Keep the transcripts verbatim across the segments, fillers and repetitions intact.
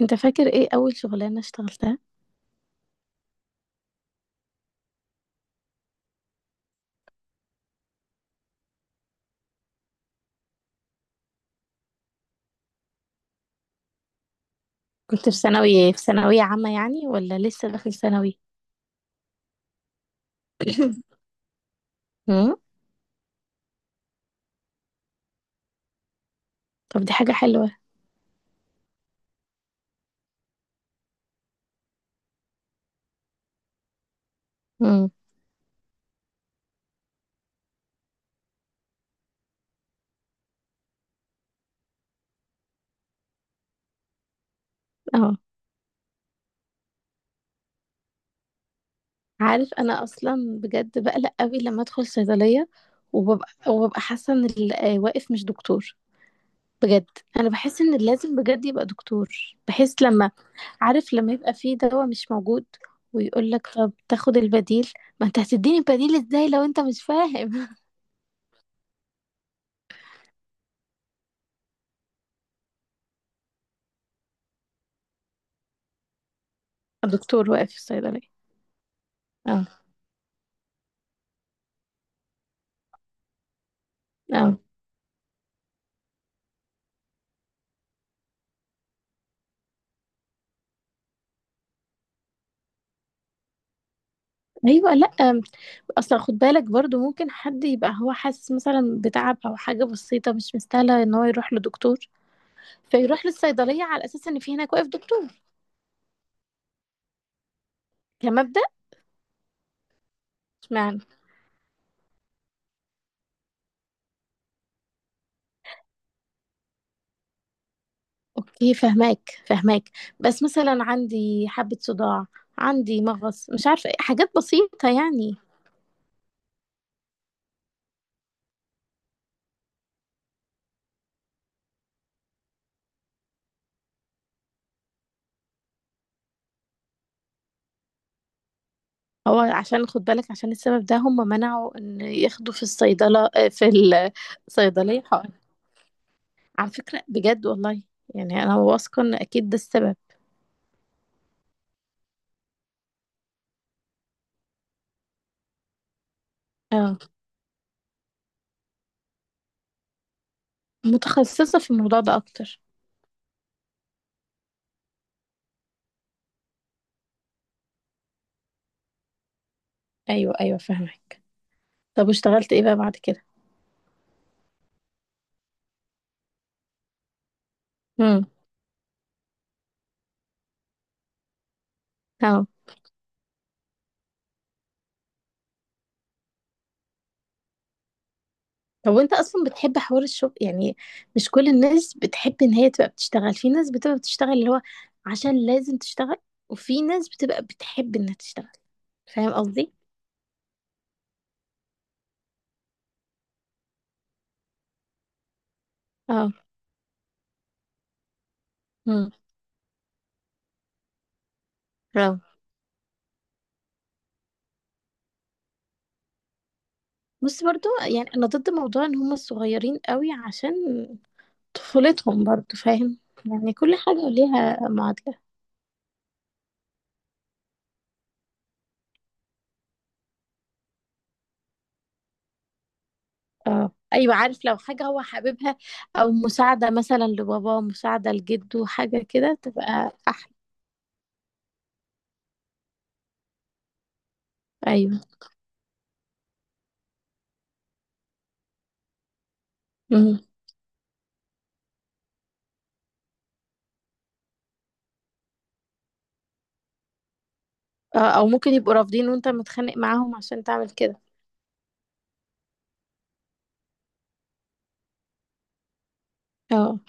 انت فاكر ايه اول شغلانة اشتغلتها؟ كنت في ثانوي، في ثانوية عامة يعني، ولا لسه داخل ثانوي؟ امم. طب دي حاجة حلوة. امم. اه، عارف انا اصلا بجد بقلق قوي لما ادخل صيدلية، وببقى وببقى حاسة ان اللي آه، واقف مش دكتور. بجد انا بحس ان لازم بجد يبقى دكتور. بحس لما، عارف، لما يبقى في دواء مش موجود ويقول لك طب تاخد البديل، ما انت هتديني البديل ازاي لو انت مش فاهم؟ دكتور واقف في الصيدلية. اه. اه، ايوه. لا، اصلا خد بالك برضو ممكن حد يبقى هو حاسس مثلا بتعب او حاجه بسيطه مش مستاهله ان هو يروح لدكتور، فيروح للصيدليه على اساس ان في هناك واقف دكتور. كمبدأ. اشمعنى؟ اوكي، فهماك فهماك. بس مثلا عندي حبه صداع، عندي مغص، مش عارفه إيه، حاجات بسيطه يعني. هو عشان خد بالك عشان السبب ده هم منعوا ان ياخدوا في الصيدله آه، في الصيدليه حقن. على فكره بجد والله، يعني انا واثقه ان اكيد ده السبب. اه. متخصصه في الموضوع ده اكتر. ايوه ايوه فاهمك. طب واشتغلت ايه بقى بعد كده؟ امم. اه. طب وانت اصلا بتحب حوار الشغل؟ يعني مش كل الناس بتحب ان هي تبقى بتشتغل، في ناس بتبقى بتشتغل اللي هو عشان لازم تشتغل، وفي ناس بتبقى بتحب انها تشتغل. فاهم قصدي؟ اه. امم. اه. بس برضو يعني انا ضد موضوع ان هم الصغيرين قوي، عشان طفولتهم برضو، فاهم؟ يعني كل حاجة ليها معادلة. اه ايوه عارف، لو حاجه هو حاببها، او مساعده مثلا لبابا، مساعده لجده، حاجه كده تبقى احلى. ايوه. مم. اه، او ممكن يبقوا رافضين وانت متخانق معاهم عشان تعمل كده. اه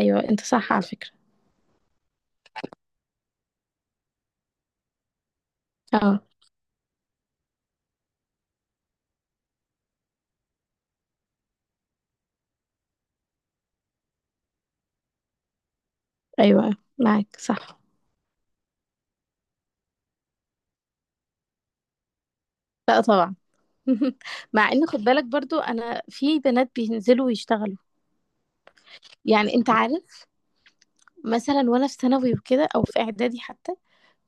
ايوه انت صح على فكره. اه ايوه معاك صح. لا طبعا. مع ان خد بالك برضو انا في بنات بينزلوا ويشتغلوا. يعني انت عارف، مثلا وانا في ثانوي وكده او في اعدادي حتى،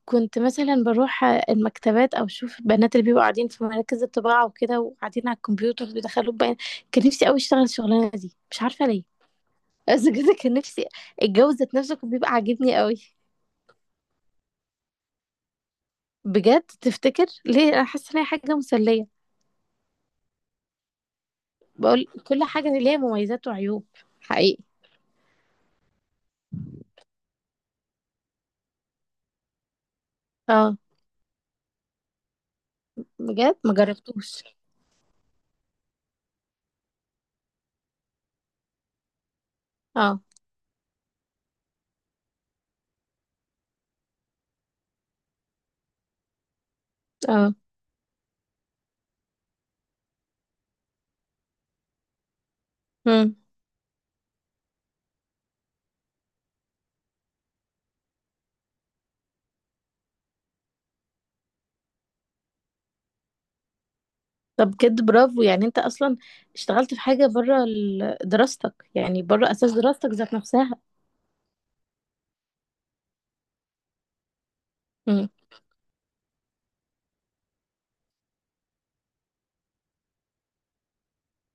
كنت مثلا بروح المكتبات او اشوف البنات اللي بيبقوا قاعدين في مراكز الطباعه وكده، وقاعدين على الكمبيوتر بيدخلوا بيان. كان نفسي قوي اشتغل الشغلانه دي، مش عارفه ليه. بس بجد كان نفسي. الجو ذات نفسه كان بيبقى عاجبني قوي. بجد تفتكر ليه انا حاسه ان هي حاجه مسليه؟ بقول كل حاجه ليها مميزات وعيوب، حقيقي. اه بجد، ما جربتوش. اه. اه. امم. طب بجد برافو، يعني انت اصلا اشتغلت في حاجه بره ال- دراستك، يعني بره اساس دراستك ذات نفسها.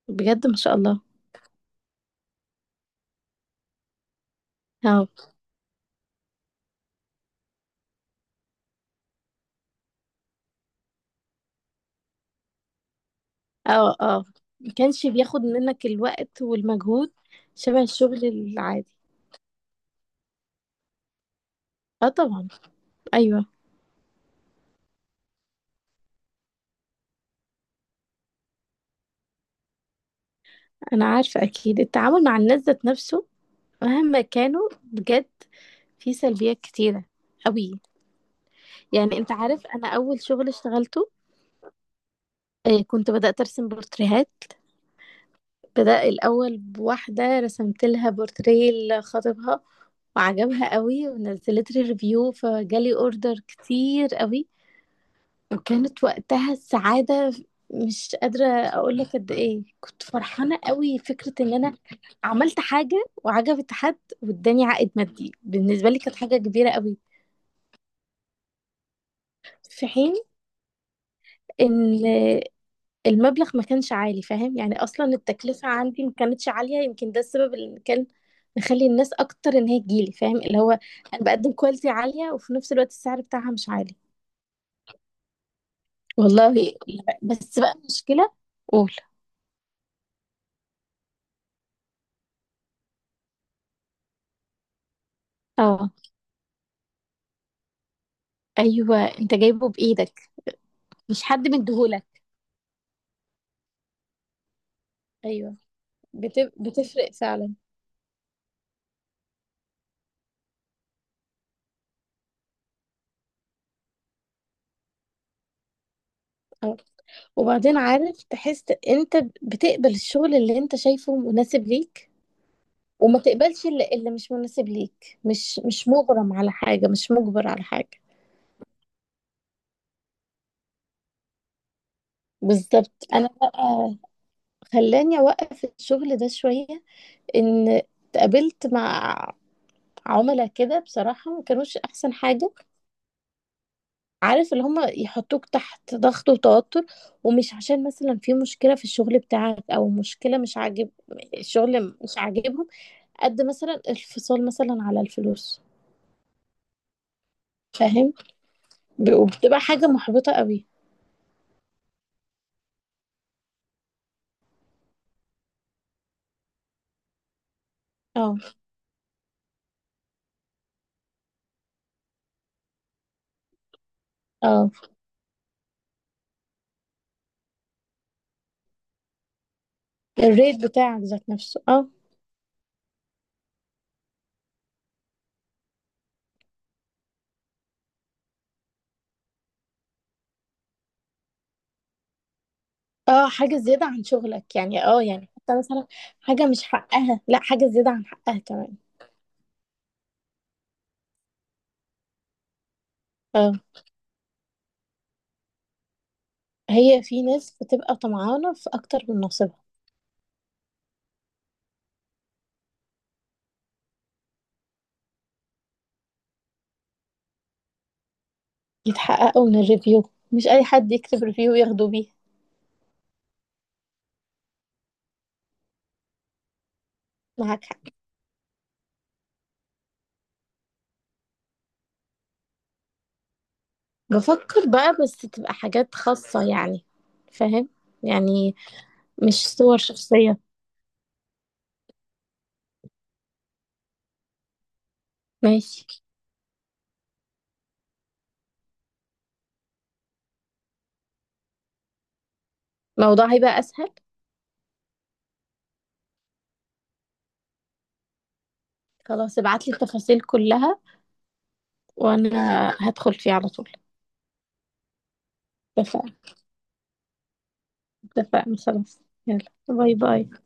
بجد ما شاء الله. اه. اه. اه. ما كانش بياخد منك الوقت والمجهود. شبه الشغل العادي. اه طبعا. ايوه. انا عارفه اكيد التعامل مع الناس ذات نفسه مهما كانوا بجد في سلبيات كتيره قوي. يعني انت عارف، انا اول شغل اشتغلته آه، كنت بدأت أرسم بورتريهات. بدأ الأول بواحدة رسمت لها بورتريه لخطيبها، وعجبها قوي ونزلت لي ريفيو، فجالي اوردر كتير قوي. وكانت وقتها السعادة، مش قادرة أقول لك قد إيه كنت فرحانة قوي. فكرة إن أنا عملت حاجة وعجبت حد واداني عائد مادي، بالنسبة لي كانت حاجة كبيرة قوي. في حين إن المبلغ ما كانش عالي، فاهم يعني، أصلا التكلفة عندي ما كانتش عالية، يمكن ده السبب اللي كان مخلي الناس أكتر إن هي تجيلي، فاهم؟ اللي هو أنا بقدم كواليتي عالية وفي نفس الوقت السعر بتاعها مش عالي. والله. بس بقى المشكلة، قول. اه ايوه، انت جايبه بايدك، مش حد مديهولك. ايوه، بت- بتفرق فعلا. اه، وبعدين عارف، تحس انت بتقبل الشغل اللي انت شايفه مناسب ليك، وما تقبلش اللي, اللي مش مناسب ليك، مش مش مغرم على حاجة، مش مجبر على حاجة. بالظبط. انا بقى خلاني اوقف الشغل ده شوية، ان اتقابلت مع عملاء كده، بصراحة ما كانوش احسن حاجة. عارف، اللي هم يحطوك تحت ضغط وتوتر، ومش عشان مثلا في مشكلة في الشغل بتاعك او مشكلة مش عاجب، الشغل مش عاجبهم، قد مثلا الفصال مثلا على الفلوس، فاهم؟ ب- وبتبقى حاجة محبطة قوي. اه. اه. الريت بتاعك ذات نفسه، اه. اه، حاجة زيادة عن شغلك، يعني اه، يعني حتى مثلا حاجة مش حقها، لا حاجة زيادة عن حقها كمان. اه. هي في ناس بتبقى طمعانة في اكتر من نصيبها. يتحققوا من الريفيو، مش اي حد يكتب ريفيو ياخدوا بيه. معاك حق. بفكر بقى، بس تبقى حاجات خاصة يعني، فاهم يعني، مش صور شخصية. ماشي. الموضوع هيبقى أسهل. خلاص ابعتلي التفاصيل كلها وأنا هدخل فيه على طول. اتفقنا. اتفقنا خلاص. يلا باي باي.